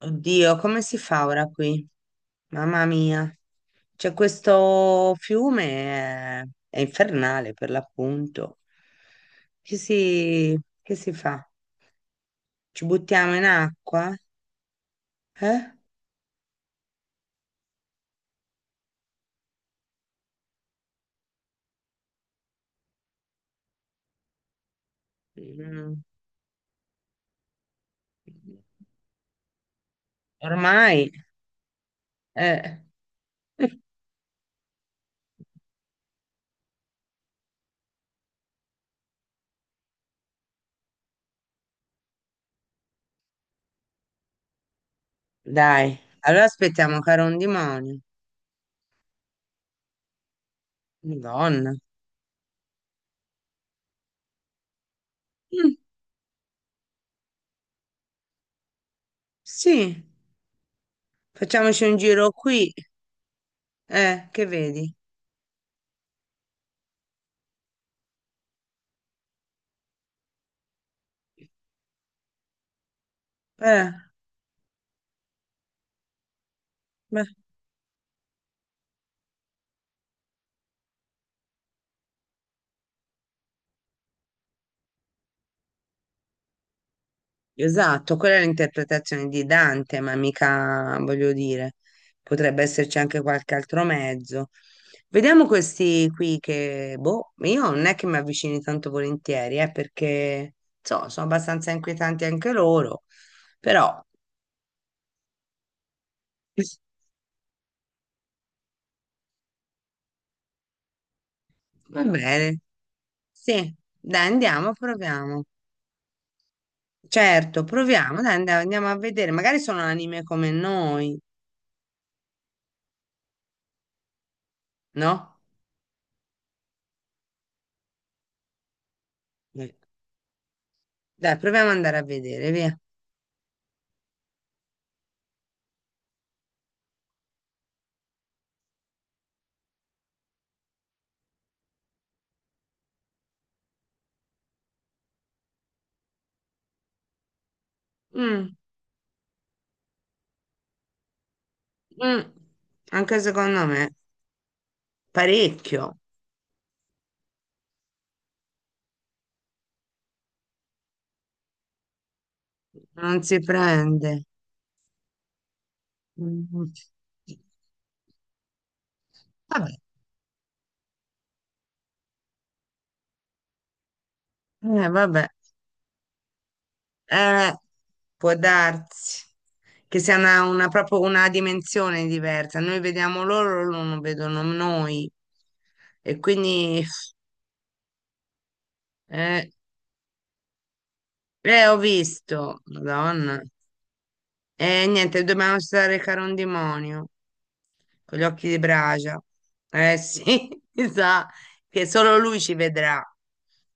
Oddio, come si fa ora qui? Mamma mia. C'è questo fiume, è, è infernale per l'appunto. Che si fa? Ci buttiamo in acqua? Eh? Mm, ormai, eh. Dai, allora aspettiamo che era un demonio. Madonna. Mm, sì, facciamoci un giro qui. Che vedi? Eh, beh. Esatto, quella è l'interpretazione di Dante, ma mica, voglio dire, potrebbe esserci anche qualche altro mezzo. Vediamo questi qui che, boh, io non è che mi avvicini tanto volentieri, perché, sono abbastanza inquietanti anche loro, però va bene. Sì, dai, andiamo, proviamo. Certo, proviamo, dai, andiamo a vedere. Magari sono anime come noi, no? Eh. Dai, proviamo ad andare a vedere, via. Mm. Mm, anche secondo me, parecchio, non si prende. Mm. Vabbè, vabbè. Eh, può darsi che sia proprio una dimensione diversa. Noi vediamo loro, loro non vedono noi. E quindi, eh, ho visto, Madonna. E niente, dobbiamo recare un demonio con gli occhi di bragia. Eh sì, mi sa che solo lui ci vedrà,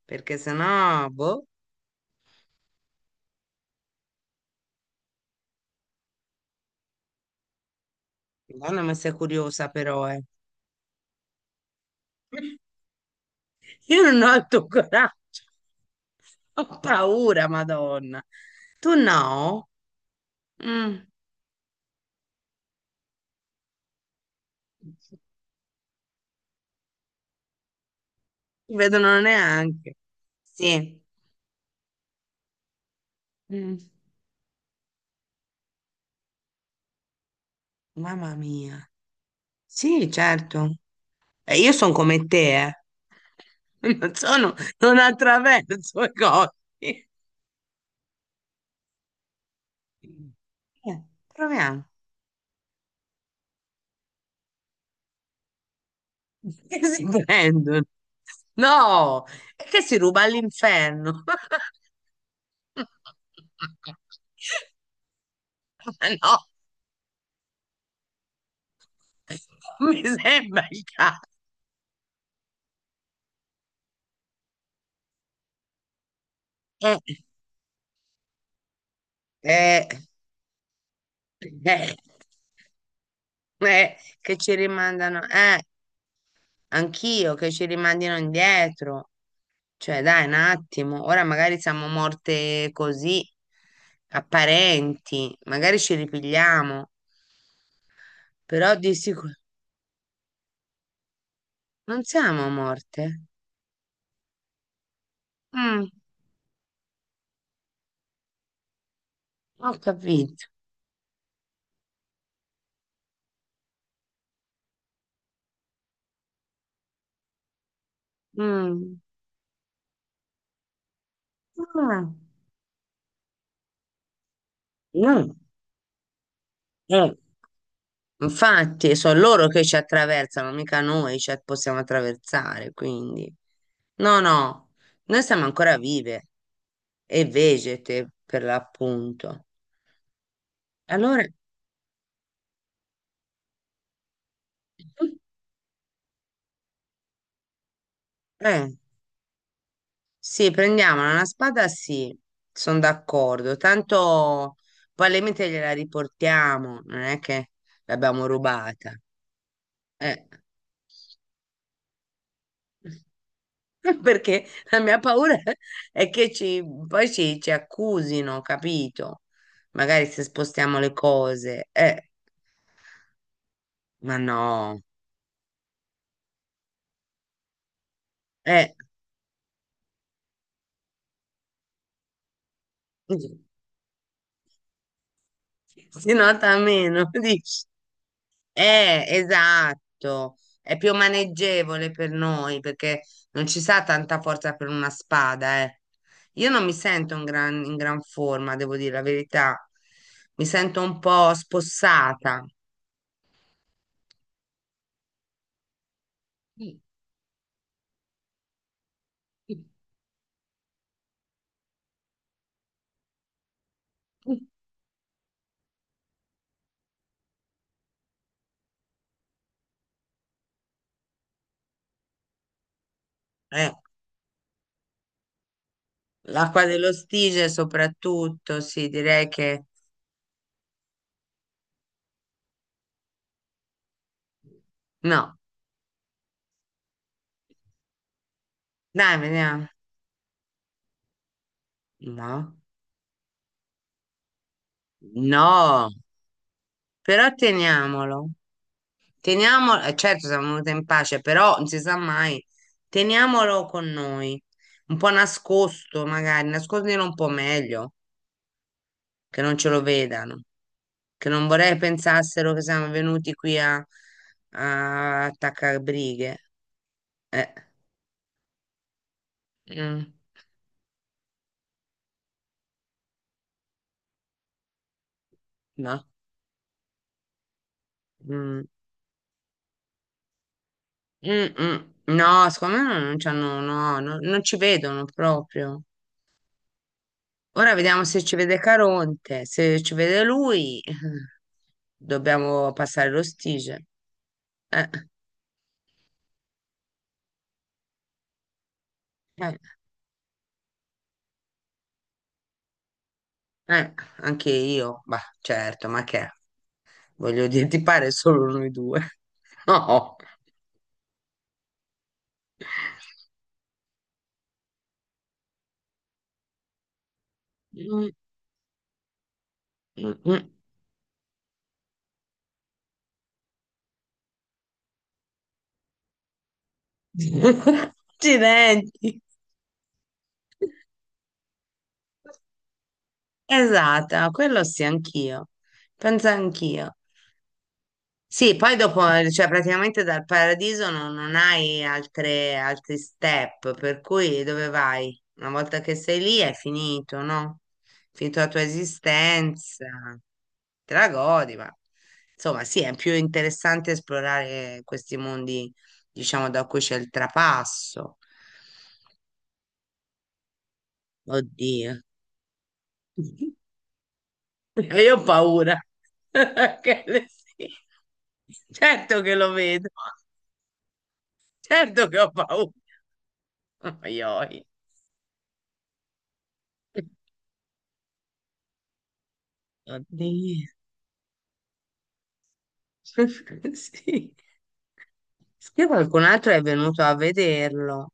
perché sennò, boh, Madonna, ma sei curiosa però, eh. Io non ho il tuo coraggio, ho paura, Madonna. Tu no? Mm. Ti vedono neanche. Sì. Mm. Mamma mia. Sì, certo. E io sono come te, eh. Non attraverso i cosi. Eh, proviamo. Che si prendono? No, è che si ruba all'inferno. Ma no, non mi sembra il caso. Eh, eh, eh, che ci rimandano, anch'io che ci rimandino indietro. Cioè, dai, un attimo, ora magari siamo morte così, apparenti, magari ci ripigliamo, però di sicuro non siamo morte. Mm, ho capito. Mm. Ah, no, eh, infatti, sono loro che ci attraversano, mica noi ci possiamo attraversare, quindi. No, no, noi siamo ancora vive e vegete, per l'appunto. Allora, eh, sì, prendiamola, una spada sì, sono d'accordo, tanto probabilmente gliela riportiamo, non è che l'abbiamo rubata. Eh, perché la mia paura è poi ci accusino, capito? Magari se spostiamo le cose, ma no, eh, si nota meno, dici? Esatto, è più maneggevole per noi perché non ci sa tanta forza per una spada, eh. Io non mi sento in gran forma, devo dire la verità. Mi sento un po' spossata. Eh. L'acqua dello Stige soprattutto, sì, direi che no. Dai, vediamo. No, no, però teniamolo. Teniamolo, certo siamo venuti in pace, però non si sa mai, teniamolo con noi, un po' nascosto magari, nascondilo un po' meglio, che non ce lo vedano, che non vorrei pensassero che siamo venuti qui a, a attaccare brighe. Eh, mm, no, mm, mm, mm, no, secondo me non, non c'hanno, no, no, non ci vedono proprio. Ora vediamo se ci vede Caronte, se ci vede lui, dobbiamo passare l'ostige. Eh, eh, eh, anche io, bah, certo, ma che è? Voglio dire, ti pare solo noi due? No. Mm, mm, mm. Accidenti. Esatto, quello sì, anch'io. Penso anch'io. Sì, poi dopo, cioè praticamente dal paradiso non, non hai altre, altri step, per cui dove vai? Una volta che sei lì è finito, no? Finito la tua esistenza, te la godi, ma insomma sì, è più interessante esplorare questi mondi, diciamo, da cui c'è il trapasso. Oddio, io ho paura. Che le- sì. Certo che lo vedo, certo che ho paura. Oi, oi. Oddio. Sì. Che qualcun altro è venuto a vederlo.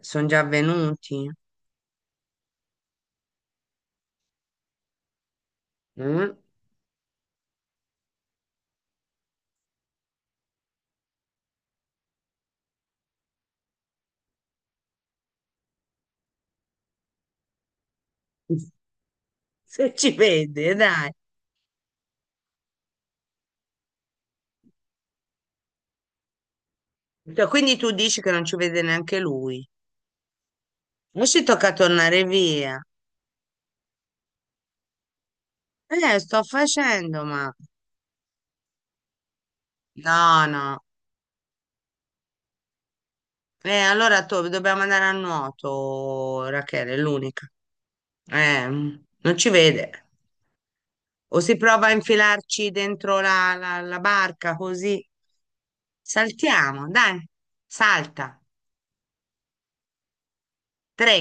Sono già venuti. Mm? Se ci vede, dai. Cioè, quindi tu dici che non ci vede neanche lui. Adesso ci tocca tornare via. Sto facendo, ma... No, no. Allora to- dobbiamo andare a nuoto, Rachele, è l'unica. Non ci vede. O si prova a infilarci dentro la barca così. Saltiamo, dai, salta. Tre.